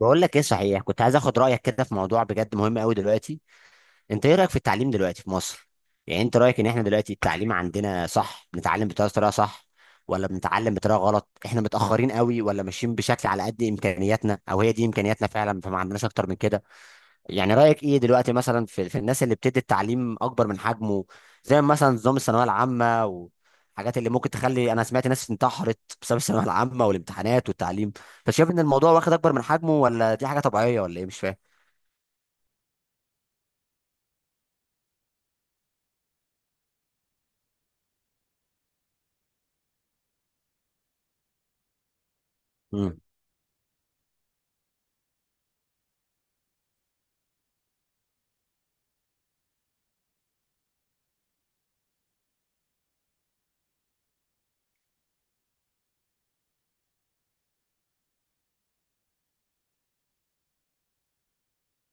بقول لك ايه، صحيح كنت عايز اخد رايك كده في موضوع بجد مهم قوي دلوقتي. انت ايه رايك في التعليم دلوقتي في مصر؟ يعني انت رايك ان احنا دلوقتي التعليم عندنا صح، بنتعلم بطريقه صح؟ ولا بنتعلم بطريقه غلط؟ احنا متاخرين قوي ولا ماشيين بشكل على قد امكانياتنا، او هي دي امكانياتنا فعلا فما عندناش اكتر من كده؟ يعني رأيك ايه دلوقتي مثلا في الناس اللي بتدي التعليم اكبر من حجمه؟ زي مثلا نظام الثانوية العامة والحاجات اللي ممكن تخلي، انا سمعت ناس انتحرت بسبب الثانوية العامة والامتحانات والتعليم، فشايف ان الموضوع واخد اكبر من حجمه ولا دي حاجة طبيعية ولا ايه؟ مش فاهم. امم.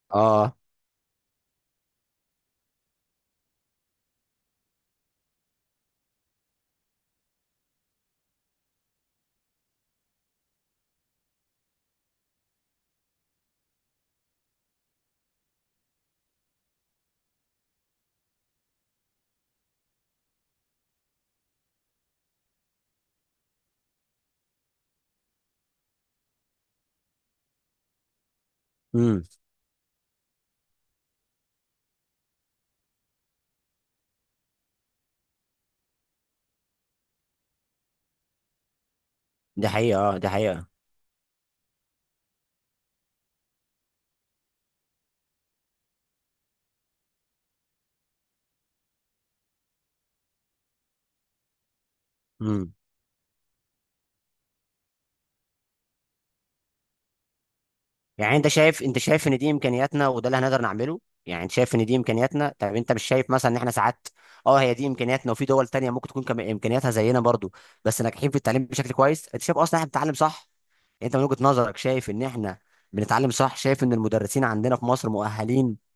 اه. امم. دي حقيقة، اه دي حقيقة. امم. يعني انت شايف ان دي امكانياتنا وده اللي هنقدر نعمله. يعني انت شايف ان دي امكانياتنا، طب انت مش شايف مثلا ان احنا ساعات؟ اه هي دي امكانياتنا، وفي دول تانية ممكن تكون كم امكانياتها زينا برضو بس ناجحين في التعليم بشكل كويس. انت شايف اصلا احنا بنتعلم صح؟ يعني انت من وجهة نظرك شايف ان احنا بنتعلم صح؟ شايف ان المدرسين عندنا في مصر مؤهلين؟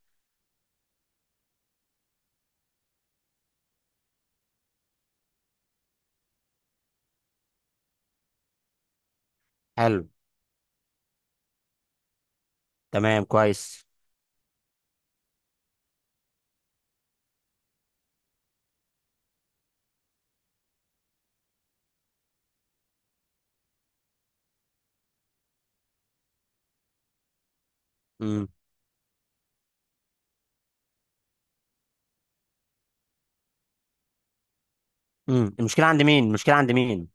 حلو. تمام، كويس. امم. امم، المشكلة عند مين؟ المشكلة عند مين؟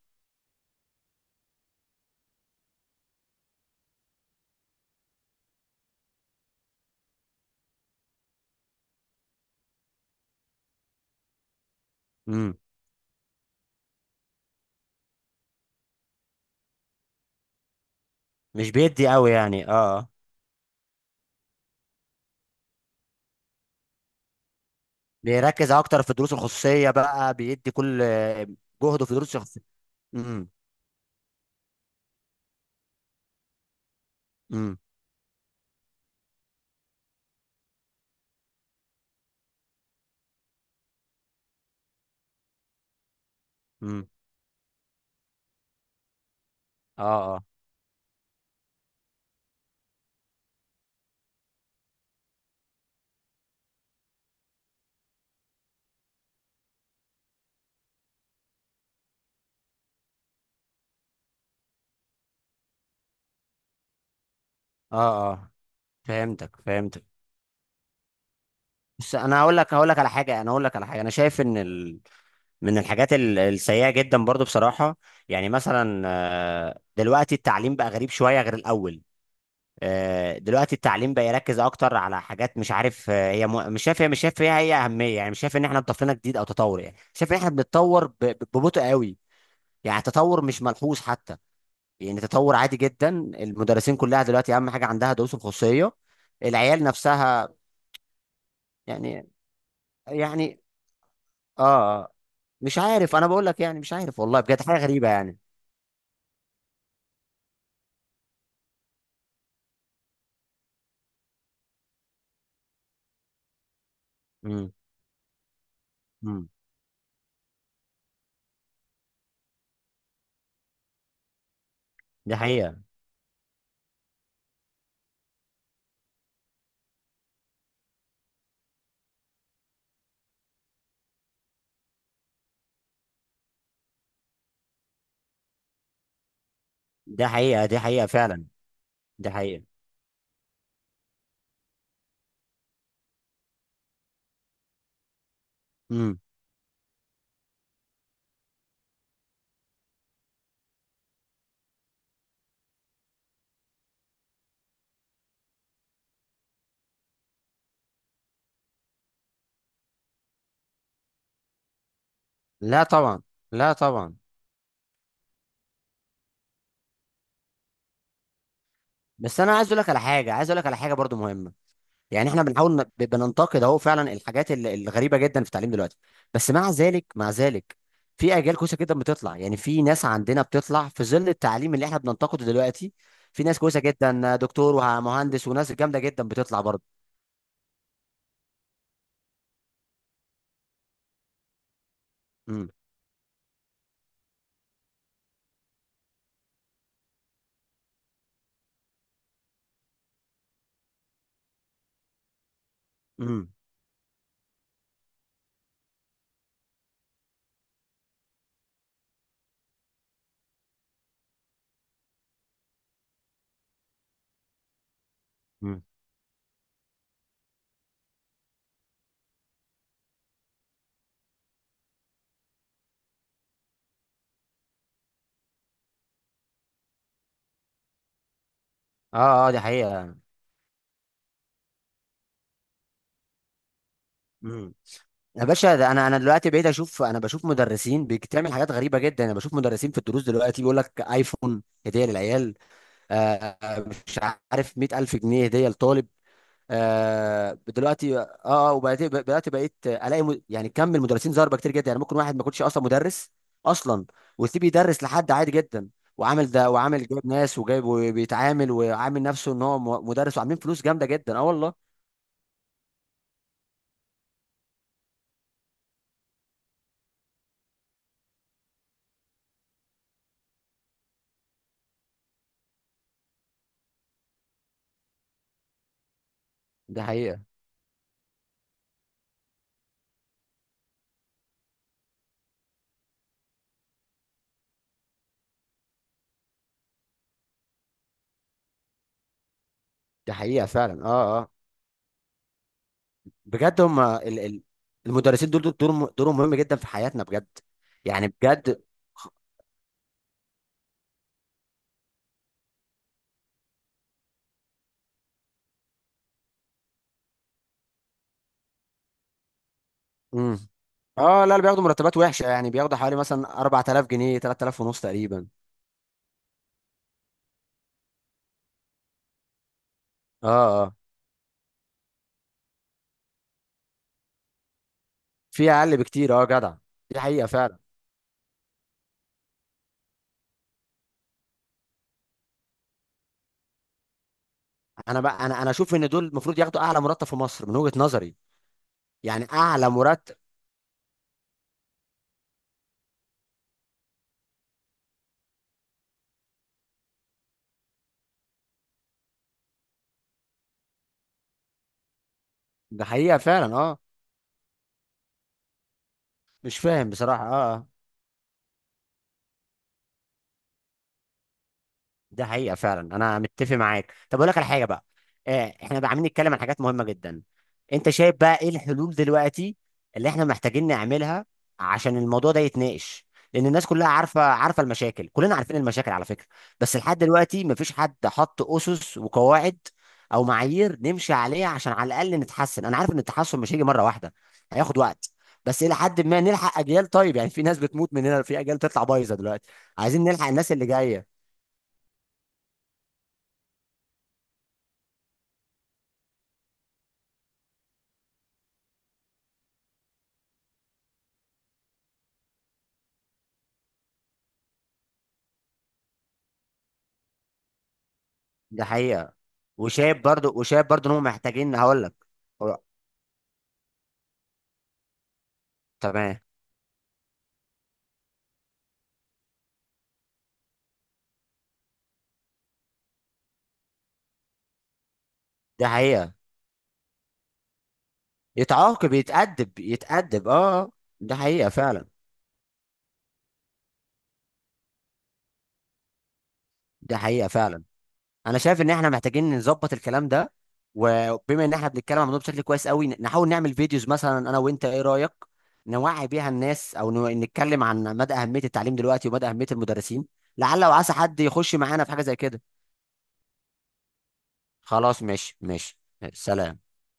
امم. مش بيدي قوي يعني، اه. بيركز اكتر في الدروس الخصوصية بقى، بيدي كل جهده في دروس الخصوصية. امم. امم. امم. اه. اه. اه. اه، فهمتك فهمتك. بس انا هقول لك على حاجه انا شايف ان من الحاجات السيئه جدا برضو بصراحه. يعني مثلا دلوقتي التعليم بقى غريب شويه غير الاول. دلوقتي التعليم بقى يركز اكتر على حاجات مش عارف. مش شايف، مش شايف فيها اهميه. يعني مش شايف ان احنا ضفنا جديد او تطور. يعني شايف ان احنا بنتطور ببطء قوي. يعني تطور مش ملحوظ حتى، يعني تطور عادي جدا. المدرسين كلها دلوقتي اهم حاجه عندها دروس الخصوصيه. العيال نفسها يعني يعني اه. آه. مش عارف، انا بقول لك يعني، مش عارف والله بجد، حاجه غريبه يعني. امم. امم. دي حقيقه، دي حقيقه. دي حقيقه فعلا. دي حقيقه. امم. لا طبعا، لا طبعا. بس انا عايز اقول لك على حاجه، عايز اقول لك على حاجه برضو مهمه. يعني احنا بنحاول بننتقد اهو فعلا الحاجات الغريبه جدا في التعليم دلوقتي، بس مع ذلك مع ذلك في اجيال كويسه جدا بتطلع. يعني في ناس عندنا بتطلع في ظل التعليم اللي احنا بننتقده دلوقتي، في ناس كويسه جدا، دكتور ومهندس وناس جامده جدا بتطلع برضه. امم. امم. امم. اه. اه، دي حقيقه. امم. يا باشا، ده انا دلوقتي بقيت اشوف، انا بشوف مدرسين بتعمل حاجات غريبه جدا. انا بشوف مدرسين في الدروس دلوقتي بيقول لك ايفون هديه للعيال. آه آه، مش عارف، 100,000 جنيه هديه لطالب. دلوقتي وبدأت بدأت بقيت الاقي، يعني كم من المدرسين ضاربه كتير جدا. يعني ممكن واحد ما يكونش اصلا مدرس اصلا، ويسيب يدرس لحد عادي جدا. وعامل ده وعامل، جايب ناس وجايب وبيتعامل، وعامل نفسه ان هو مدرس، وعاملين فلوس جامده جدا، اه والله. دي حقيقه، دي حقيقه فعلا. اه. اه بجد. هم ال ال المدرسين دول دورهم مهم جدا في حياتنا بجد. يعني بجد. امم. اه، لا، اللي بياخدوا مرتبات وحشه يعني بياخدوا حوالي مثلا 4,000 جنيه، 3,000 ونص تقريبا. اه، في اقل بكتير، اه جدع. دي حقيقه فعلا. انا بقى، انا اشوف ان دول المفروض ياخدوا اعلى مرتب في مصر من وجهه نظري. يعني اعلى مرتب. ده حقيقه فعلا، اه. مش فاهم بصراحه، اه آه. ده حقيقة فعلا، أنا متفق معاك. طب أقول لك على حاجة بقى. إحنا بقى عاملين نتكلم عن حاجات مهمة جدا، أنت شايف بقى إيه الحلول دلوقتي اللي إحنا محتاجين نعملها عشان الموضوع ده يتناقش؟ لأن الناس كلها عارفة المشاكل، كلنا عارفين المشاكل على فكرة، بس لحد دلوقتي مفيش حد حط أسس وقواعد أو معايير نمشي عليها عشان على الأقل نتحسن. أنا عارف إن التحسن مش هيجي مرة واحدة، هياخد وقت، بس إلى حد ما نلحق أجيال. طيب يعني في ناس بتموت مننا، في أجيال تطلع بايظة دلوقتي، عايزين نلحق الناس اللي جاية. ده حقيقة. وشايف برضو ان هم محتاجين، هقول لك. هو- تمام. ده حقيقة. يتعاقب، يتأدب اه آه. ده حقيقة فعلا. ده حقيقة فعلا، انا شايف ان احنا محتاجين نظبط الكلام ده. وبما ان احنا بنتكلم عن الموضوع بشكل كويس قوي، نحاول نعمل فيديوز مثلا انا وانت، ايه رأيك؟ نوعي بيها الناس، او نتكلم عن مدى أهمية التعليم دلوقتي ومدى أهمية المدرسين. لعل وعسى حد يخش معانا في حاجة زي كده. خلاص، ماشي ماشي. سلام.